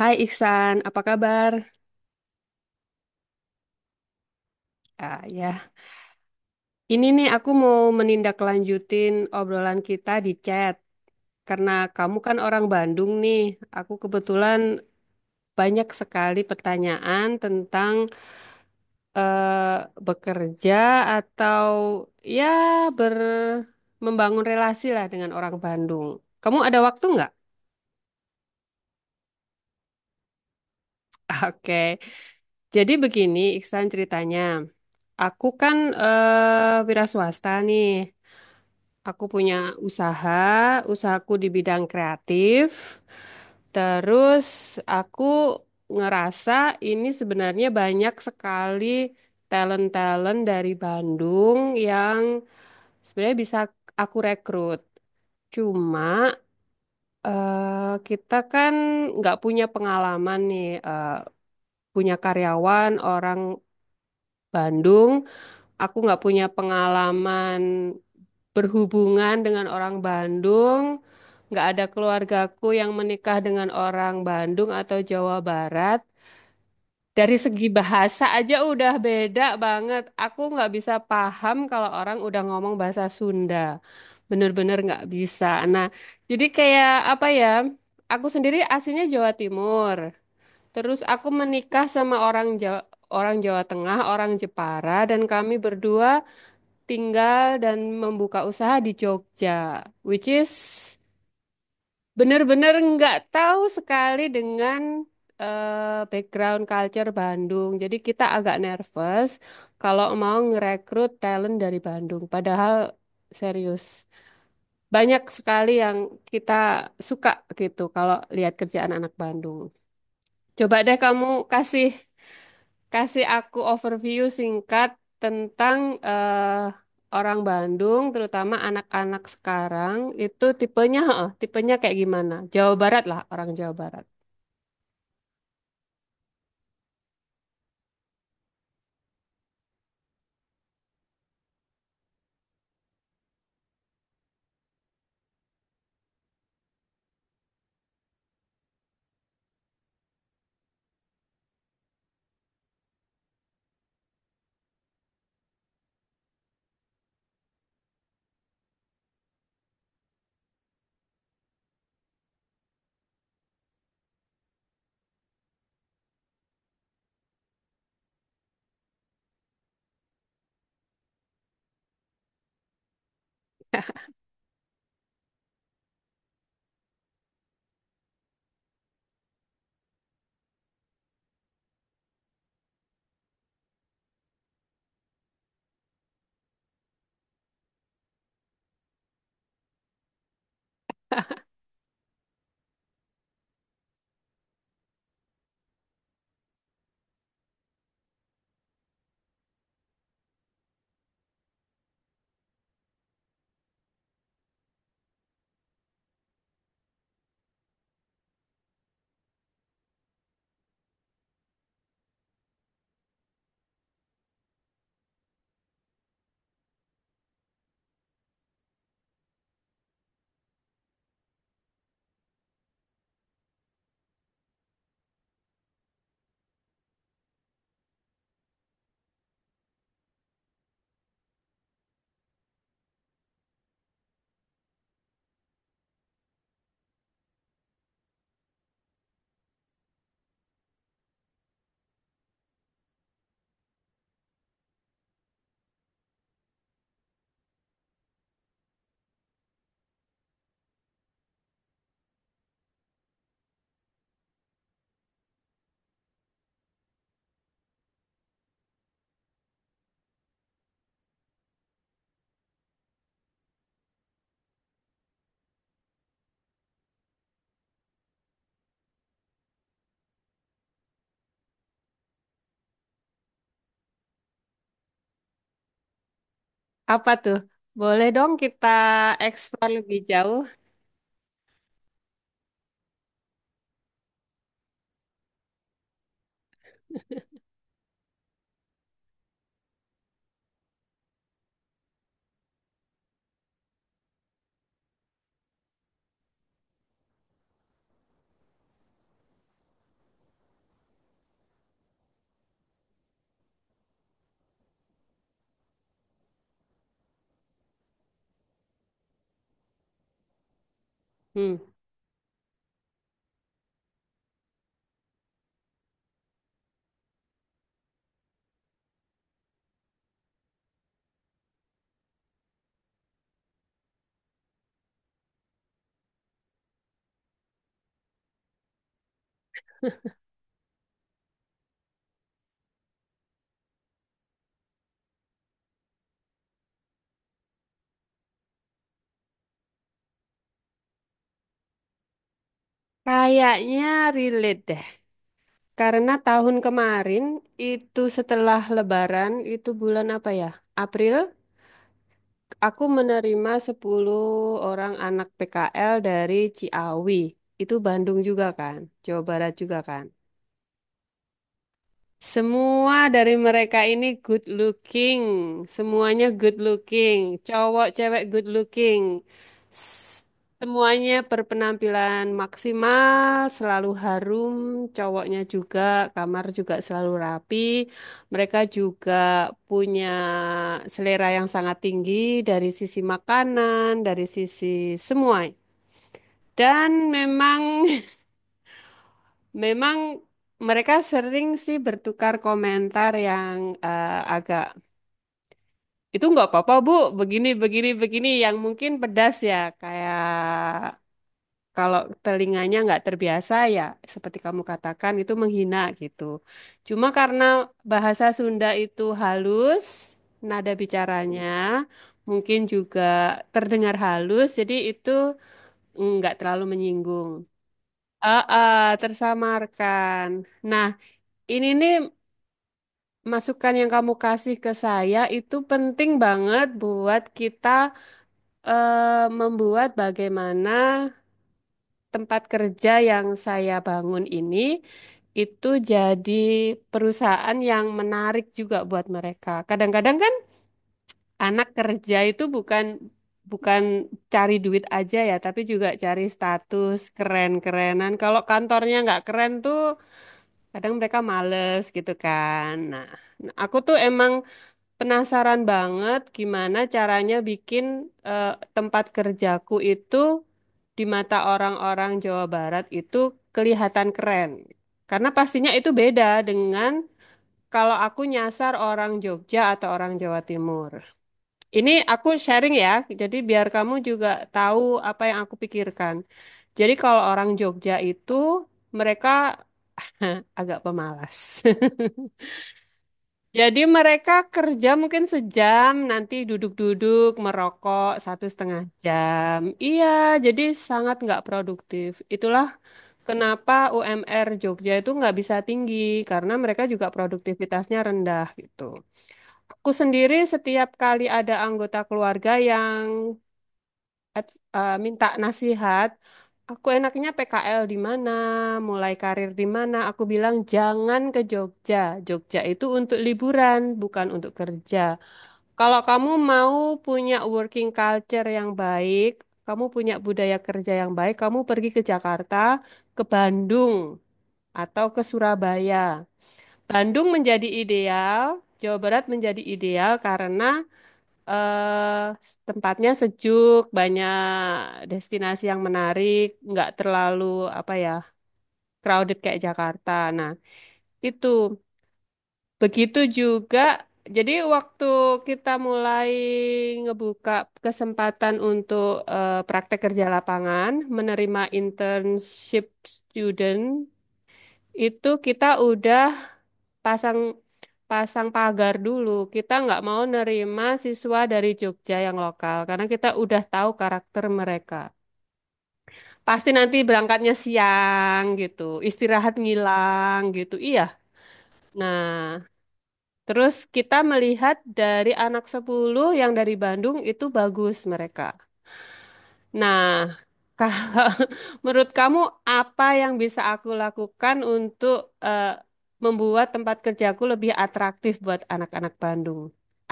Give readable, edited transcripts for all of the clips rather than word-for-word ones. Hai Iksan, apa kabar? Ah, ya, ini nih aku mau menindaklanjutin obrolan kita di chat. Karena kamu kan orang Bandung nih, aku kebetulan banyak sekali pertanyaan tentang eh, bekerja atau ya ber membangun relasi lah dengan orang Bandung. Kamu ada waktu nggak? Oke, jadi begini Iksan ceritanya. Aku kan wira swasta nih. Aku punya usaha, usahaku di bidang kreatif. Terus aku ngerasa ini sebenarnya banyak sekali talent-talent dari Bandung yang sebenarnya bisa aku rekrut. Cuma kita kan nggak punya pengalaman nih, punya karyawan orang Bandung. Aku nggak punya pengalaman berhubungan dengan orang Bandung. Nggak ada keluargaku yang menikah dengan orang Bandung atau Jawa Barat. Dari segi bahasa aja udah beda banget. Aku nggak bisa paham kalau orang udah ngomong bahasa Sunda. Bener-bener nggak bisa. Nah, jadi kayak apa ya? Aku sendiri aslinya Jawa Timur. Terus aku menikah sama orang Jawa Tengah, orang Jepara, dan kami berdua tinggal dan membuka usaha di Jogja, which is, bener-bener nggak tahu sekali dengan background culture Bandung. Jadi kita agak nervous kalau mau ngerekrut talent dari Bandung. Padahal serius, banyak sekali yang kita suka gitu kalau lihat kerjaan anak Bandung. Coba deh kamu kasih Kasih aku overview singkat tentang eh, orang Bandung, terutama anak-anak sekarang, itu tipenya, heeh, tipenya kayak gimana? Jawa Barat lah, orang Jawa Barat. Apa tuh? Boleh dong kita eksplor lebih jauh? Hmm. Kayaknya relate deh. Karena tahun kemarin itu setelah Lebaran, itu bulan apa ya? April? Aku menerima 10 orang anak PKL dari Ciawi. Itu Bandung juga kan? Jawa Barat juga kan? Semua dari mereka ini good looking. Semuanya good looking. Cowok, cewek good looking. S- Semuanya berpenampilan maksimal, selalu harum. Cowoknya juga, kamar juga selalu rapi. Mereka juga punya selera yang sangat tinggi dari sisi makanan, dari sisi semua. Dan memang Memang mereka sering sih bertukar komentar yang agak itu nggak apa-apa Bu, begini begini begini yang mungkin pedas ya kayak kalau telinganya nggak terbiasa ya seperti kamu katakan itu menghina gitu. Cuma karena bahasa Sunda itu halus, nada bicaranya mungkin juga terdengar halus, jadi itu nggak terlalu menyinggung. Ah, ah, tersamarkan. Nah, ini nih masukan yang kamu kasih ke saya itu penting banget buat kita membuat bagaimana tempat kerja yang saya bangun ini itu jadi perusahaan yang menarik juga buat mereka. Kadang-kadang kan anak kerja itu bukan bukan cari duit aja ya, tapi juga cari status keren-kerenan. Kalau kantornya nggak keren tuh kadang mereka males gitu kan. Nah, Nah, aku tuh emang penasaran banget gimana caranya bikin eh, tempat kerjaku itu di mata orang-orang Jawa Barat itu kelihatan keren. Karena pastinya itu beda dengan kalau aku nyasar orang Jogja atau orang Jawa Timur. Ini aku sharing ya, jadi biar kamu juga tahu apa yang aku pikirkan. Jadi kalau orang Jogja itu mereka agak pemalas. Jadi mereka kerja mungkin sejam, nanti duduk-duduk, merokok 1,5 jam. Iya, jadi sangat nggak produktif. Itulah kenapa UMR Jogja itu nggak bisa tinggi, karena mereka juga produktivitasnya rendah gitu. Aku sendiri setiap kali ada anggota keluarga yang minta nasihat. Aku enaknya PKL di mana, mulai karir di mana. Aku bilang jangan ke Jogja. Jogja itu untuk liburan, bukan untuk kerja. Kalau kamu mau punya working culture yang baik, kamu punya budaya kerja yang baik, kamu pergi ke Jakarta, ke Bandung, atau ke Surabaya. Bandung menjadi ideal, Jawa Barat menjadi ideal karena eh tempatnya sejuk, banyak destinasi yang menarik, nggak terlalu apa ya crowded kayak Jakarta. Nah, itu begitu juga. Jadi waktu kita mulai ngebuka kesempatan untuk praktek kerja lapangan, menerima internship student, itu kita udah pasang pasang pagar dulu. Kita nggak mau nerima siswa dari Jogja yang lokal karena kita udah tahu karakter mereka. Pasti nanti berangkatnya siang gitu, istirahat ngilang gitu. Iya. Nah, terus kita melihat dari anak 10 yang dari Bandung itu bagus mereka. Nah, kalau menurut kamu apa yang bisa aku lakukan untuk eh, membuat tempat kerjaku lebih atraktif buat anak-anak Bandung,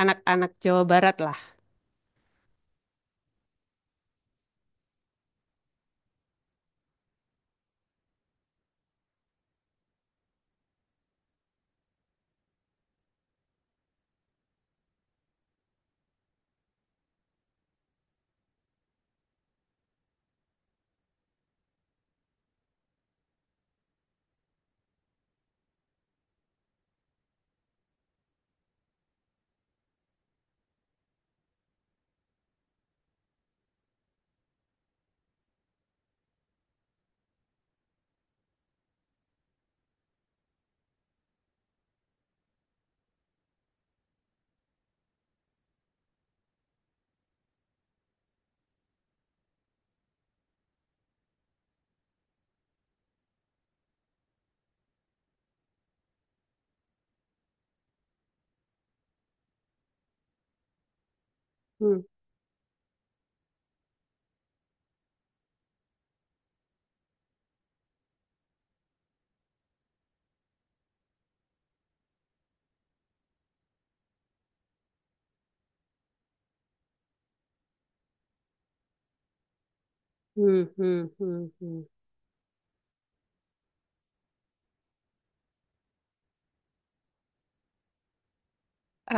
anak-anak Jawa Barat lah. Hmm, hmm, hmm, hmm, hmm.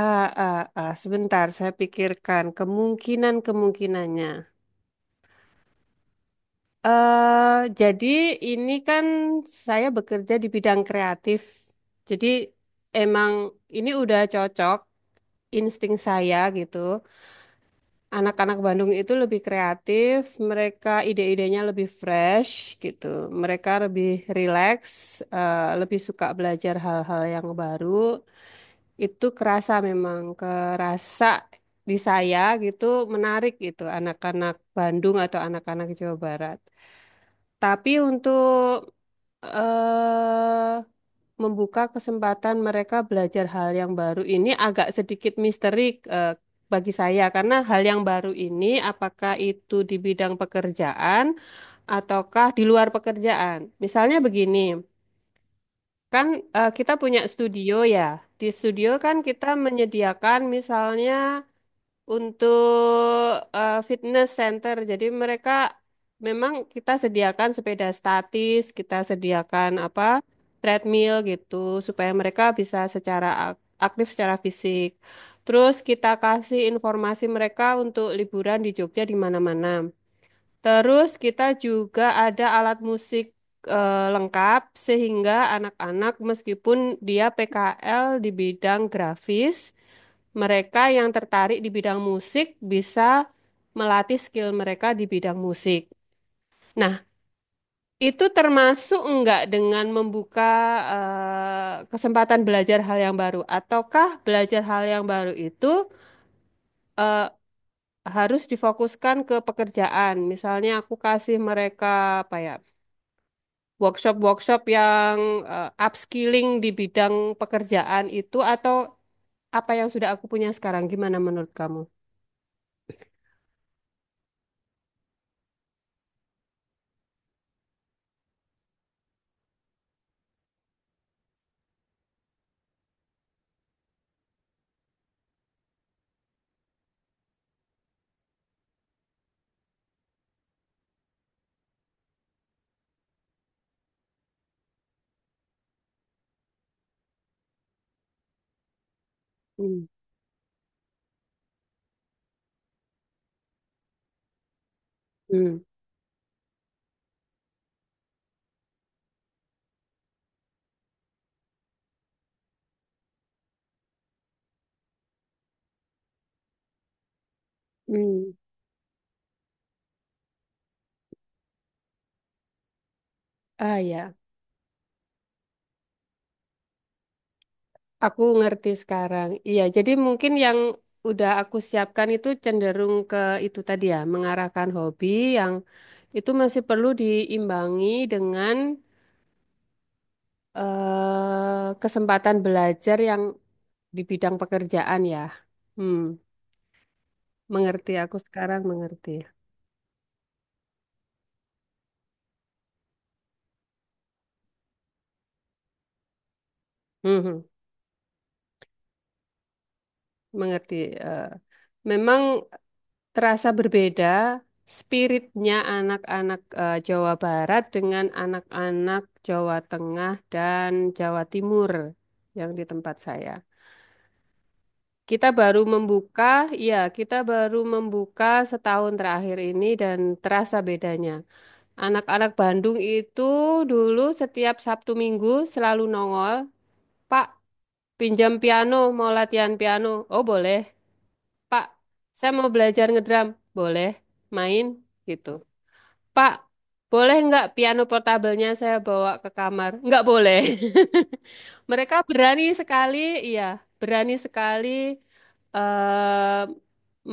Ah, ah, ah, sebentar, saya pikirkan kemungkinan-kemungkinannya. eh jadi ini kan saya bekerja di bidang kreatif. Jadi emang ini udah cocok insting saya gitu. Anak-anak Bandung itu lebih kreatif, mereka ide-idenya lebih fresh gitu. Mereka lebih relax, lebih suka belajar hal-hal yang baru. Itu kerasa memang, kerasa di saya gitu menarik gitu anak-anak Bandung atau anak-anak Jawa Barat. Tapi untuk eh membuka kesempatan mereka belajar hal yang baru ini agak sedikit misteri bagi saya karena hal yang baru ini apakah itu di bidang pekerjaan ataukah di luar pekerjaan. Misalnya begini, kan kita punya studio ya. Di studio kan kita menyediakan misalnya untuk fitness center. Jadi mereka memang kita sediakan sepeda statis, kita sediakan apa treadmill gitu supaya mereka bisa secara ak- aktif secara fisik. Terus kita kasih informasi mereka untuk liburan di Jogja di mana-mana. Terus kita juga ada alat musik lengkap sehingga anak-anak meskipun dia PKL di bidang grafis, mereka yang tertarik di bidang musik bisa melatih skill mereka di bidang musik. Nah, itu termasuk enggak dengan membuka kesempatan belajar hal yang baru, ataukah belajar hal yang baru itu eh, harus difokuskan ke pekerjaan? Misalnya aku kasih mereka apa ya? Workshop-workshop yang upskilling di bidang pekerjaan itu atau apa yang sudah aku punya sekarang? Gimana menurut kamu? Hmm, hmm, hmm. Ah ya, aku ngerti sekarang. Iya, jadi mungkin yang udah aku siapkan itu cenderung ke itu tadi ya, mengarahkan hobi yang itu masih perlu diimbangi dengan kesempatan belajar yang di bidang pekerjaan ya. Hmm, mengerti aku sekarang mengerti. Mhm. Mengerti. eh, Memang terasa berbeda spiritnya anak-anak Jawa Barat dengan anak-anak Jawa Tengah dan Jawa Timur yang di tempat saya. Kita baru membuka setahun terakhir ini dan terasa bedanya. Anak-anak Bandung itu dulu setiap Sabtu Minggu selalu nongol, Pak, pinjam piano, mau latihan piano. Oh, boleh. Pak, saya mau belajar ngedrum. Boleh main gitu. Pak, boleh nggak piano portabelnya saya bawa ke kamar? Nggak boleh. Mereka berani sekali, iya, berani sekali eh,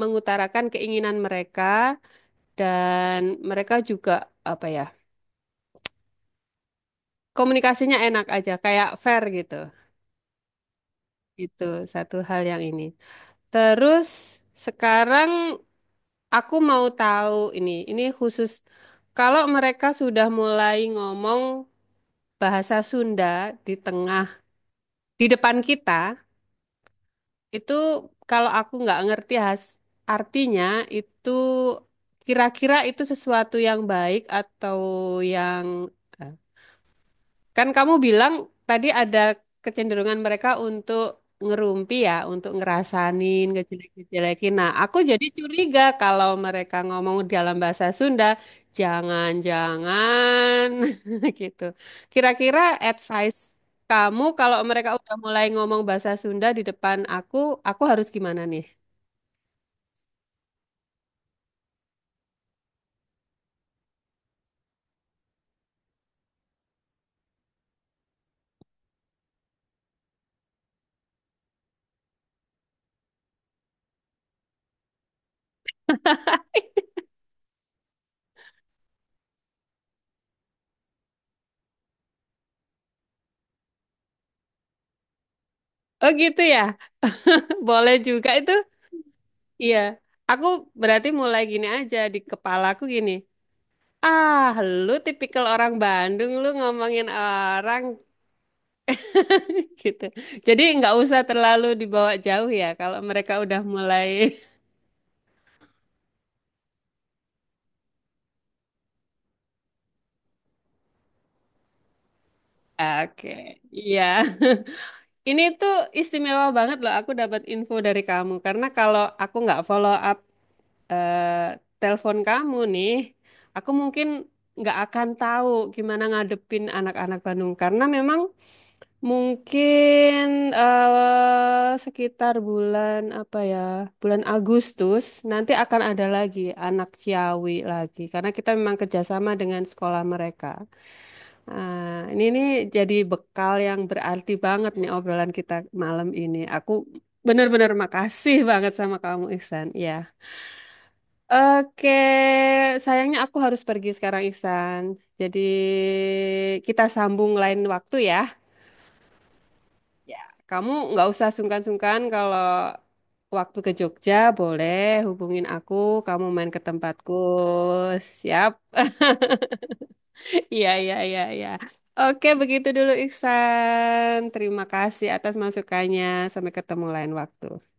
mengutarakan keinginan mereka dan mereka juga apa ya, komunikasinya enak aja, kayak fair gitu. Itu satu hal yang ini. Terus sekarang aku mau tahu ini, khusus kalau mereka sudah mulai ngomong bahasa Sunda di tengah, di depan kita, itu kalau aku nggak ngerti has, artinya itu kira-kira itu sesuatu yang baik atau yang eh, kan kamu bilang tadi ada kecenderungan mereka untuk ngerumpi ya, untuk ngerasanin, ngejelek-jelekin. Nah, aku jadi curiga kalau mereka ngomong dalam bahasa Sunda, jangan-jangan gitu. Kira-kira advice kamu kalau mereka udah mulai ngomong bahasa Sunda di depan aku harus gimana nih? Oh gitu ya, boleh juga itu. Iya, aku berarti mulai gini aja di kepalaku gini. Ah, lu tipikal orang Bandung, lu ngomongin orang gitu. Jadi nggak usah terlalu dibawa jauh ya kalau mereka udah mulai. Oke, iya. Ini tuh istimewa banget loh aku dapat info dari kamu karena kalau aku nggak follow up eh telepon kamu nih, aku mungkin nggak akan tahu gimana ngadepin anak-anak Bandung karena memang mungkin sekitar bulan apa ya, bulan Agustus nanti akan ada lagi anak Ciawi lagi karena kita memang kerjasama dengan sekolah mereka. Nah, ini nih jadi bekal yang berarti banget nih obrolan kita malam ini. Aku benar-benar makasih banget sama kamu, Ihsan. Ya. Oke, sayangnya aku harus pergi sekarang, Iksan. Jadi kita sambung lain waktu ya. Ya, kamu nggak usah sungkan-sungkan kalau waktu ke Jogja boleh hubungin aku. Kamu main ke tempatku. Siap? Iya, iya, iya, iya. Oke, begitu dulu, Iksan. Terima kasih atas masukannya. Sampai ketemu lain waktu.